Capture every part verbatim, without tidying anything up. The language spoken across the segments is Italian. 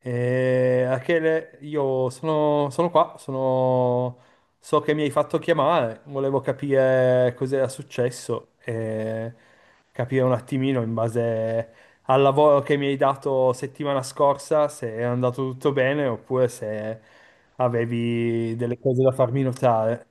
Eh, Rachele, io sono, sono qua, sono- so che mi hai fatto chiamare, volevo capire cos'era successo e capire un attimino in base al lavoro che mi hai dato settimana scorsa se è andato tutto bene oppure se avevi delle cose da farmi notare.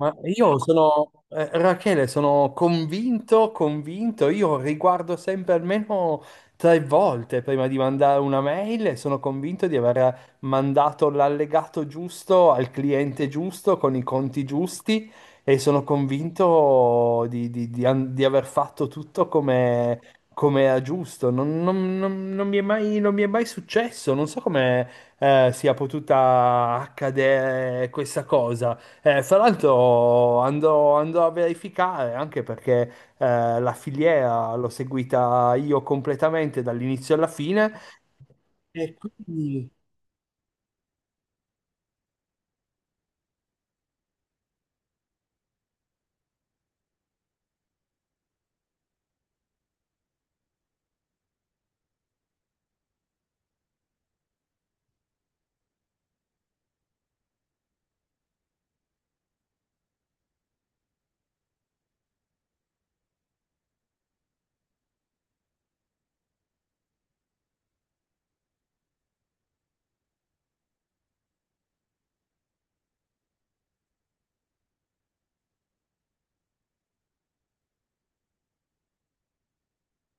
Ma io sono, eh, Rachele, sono convinto, convinto, io riguardo sempre almeno tre volte prima di mandare una mail e sono convinto di aver mandato l'allegato giusto al cliente giusto con i conti giusti e sono convinto di, di- di an- di aver fatto tutto come, come era giusto. Non, non- non- non mi è mai, non mi è mai successo, non so come, eh, sia potuta accadere questa cosa. Eh, fra l'altro andrò, andrò a verificare anche perché eh, la filiera l'ho seguita io completamente dall'inizio alla fine e quindi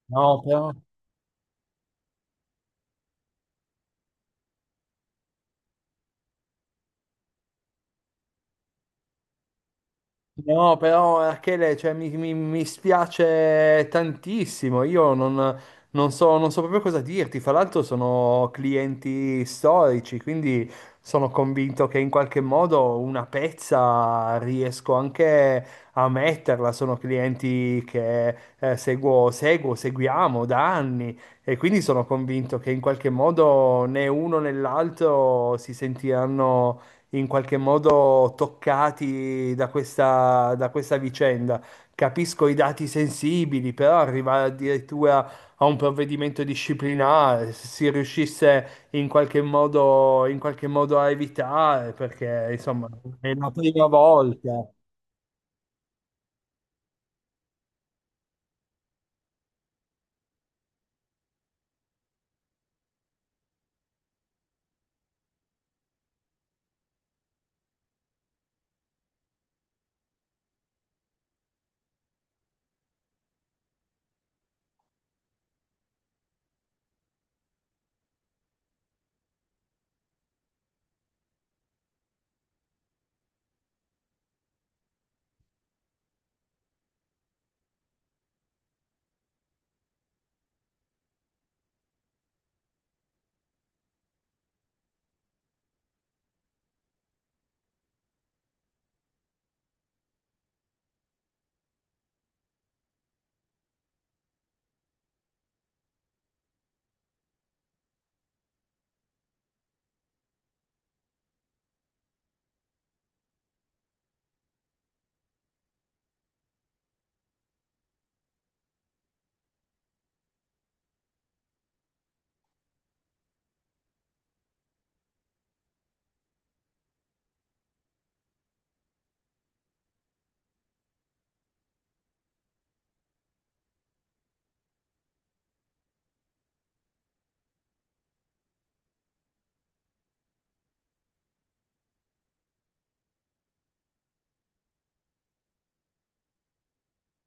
no, però. No, però Rachele, cioè, mi, mi- mi spiace tantissimo, io non, non so, non so proprio cosa dirti, fra l'altro sono clienti storici, quindi sono convinto che in qualche modo una pezza riesco anche a metterla, sono clienti che eh, seguo, seguo, seguiamo da anni e quindi sono convinto che in qualche modo né uno né l'altro si sentiranno in qualche modo toccati da questa, da questa vicenda. Capisco i dati sensibili, però arrivare addirittura a un provvedimento disciplinare, se si riuscisse in qualche modo, in qualche modo a evitare, perché insomma è la prima volta.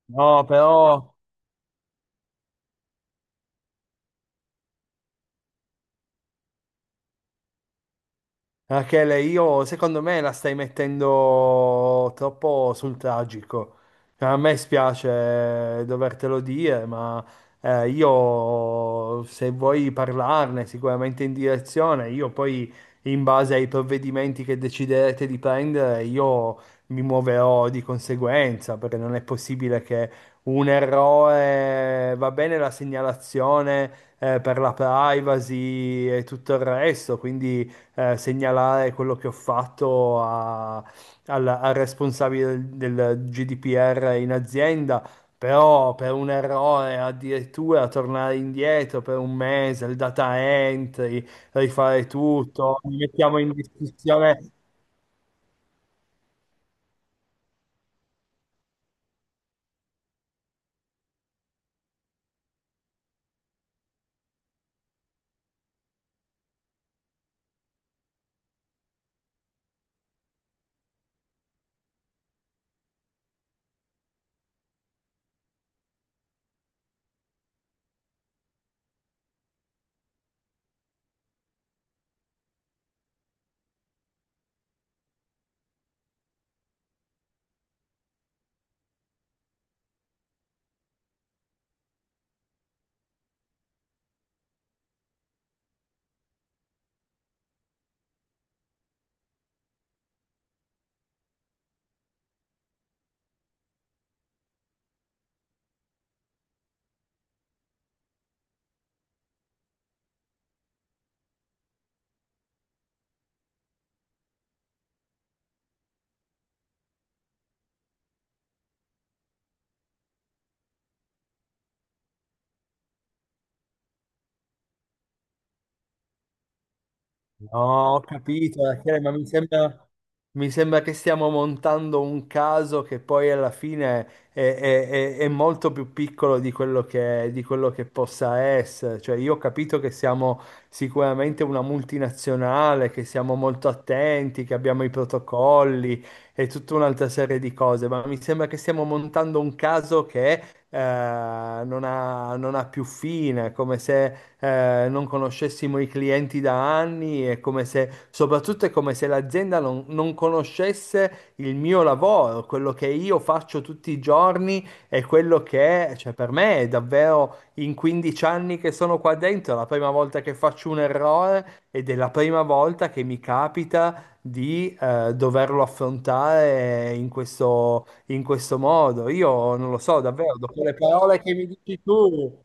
No, però. Rachele, io secondo me la stai mettendo troppo sul tragico. Cioè, a me spiace dovertelo dire, ma eh, io se vuoi parlarne sicuramente in direzione, io poi in base ai provvedimenti che deciderete di prendere, io mi muoverò di conseguenza, perché non è possibile che un errore, va bene la segnalazione eh, per la privacy e tutto il resto, quindi eh, segnalare quello che ho fatto a- al, al responsabile del, del G D P R in azienda, però per un errore addirittura tornare indietro per un mese, il data entry, rifare tutto, mi mettiamo in discussione. No, ho capito, Rachele, ma mi sembra, mi sembra che stiamo montando un caso che poi alla fine è, è- è- è molto più piccolo di quello che, di quello che possa essere. Cioè, io ho capito che siamo sicuramente una multinazionale, che siamo molto attenti, che abbiamo i protocolli e tutta un'altra serie di cose, ma mi sembra che stiamo montando un caso che eh, non ha, non ha più fine, è come se eh, non conoscessimo i clienti da anni, è come se, soprattutto è come se l'azienda non, non conoscesse il mio lavoro, quello che io faccio tutti i giorni e quello che, cioè per me è davvero in quindici anni che sono qua dentro, è la prima volta che faccio un errore ed è la prima volta che mi capita di eh, doverlo affrontare in questo in questo modo. Io non lo so, davvero, dopo le parole che mi dici tu.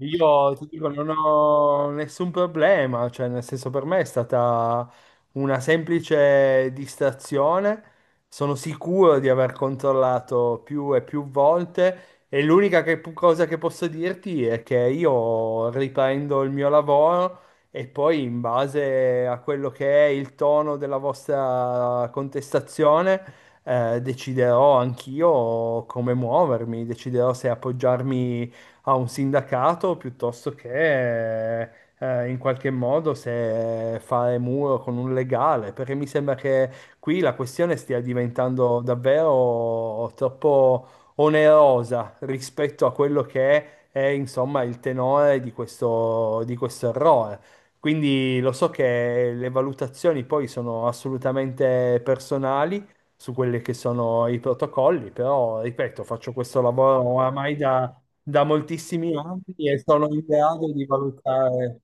Io ti dico, non ho nessun problema, cioè nel senso per me è stata una semplice distrazione, sono sicuro di aver controllato più e più volte e l'unica che- cosa che posso dirti è che io riprendo il mio lavoro e poi in base a quello che è il tono della vostra contestazione eh, deciderò anch'io come muovermi, deciderò se appoggiarmi a un sindacato piuttosto che eh, in qualche modo se fare muro con un legale, perché mi sembra che qui la questione stia diventando davvero troppo onerosa rispetto a quello che è, insomma, il tenore di questo, di questo errore. Quindi lo so che le valutazioni poi sono assolutamente personali su quelli che sono i protocolli, però ripeto, faccio questo lavoro oramai da, da moltissimi ambiti e sono in grado di valutare.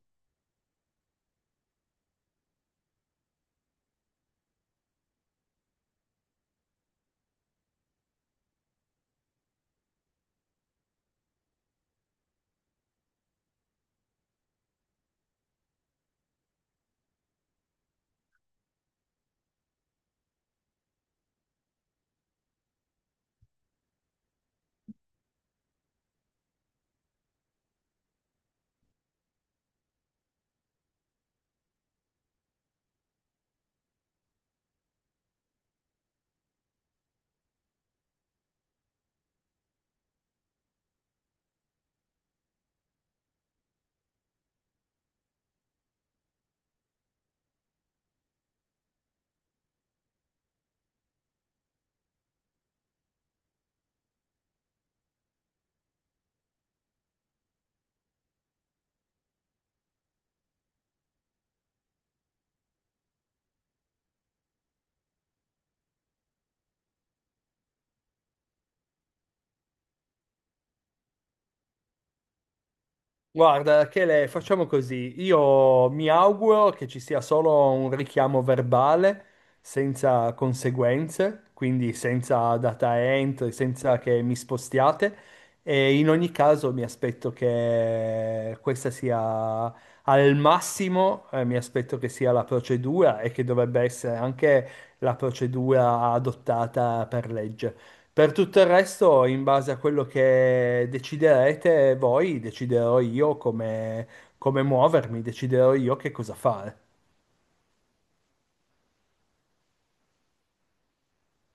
Guarda, Chele, facciamo così. Io mi auguro che ci sia solo un richiamo verbale senza conseguenze, quindi senza data entry, senza che mi spostiate. E in ogni caso mi aspetto che questa sia al massimo, eh, mi aspetto che sia la procedura e che dovrebbe essere anche la procedura adottata per legge. Per tutto il resto, in base a quello che deciderete voi, deciderò io come, come muovermi, deciderò io che cosa fare.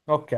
Ok?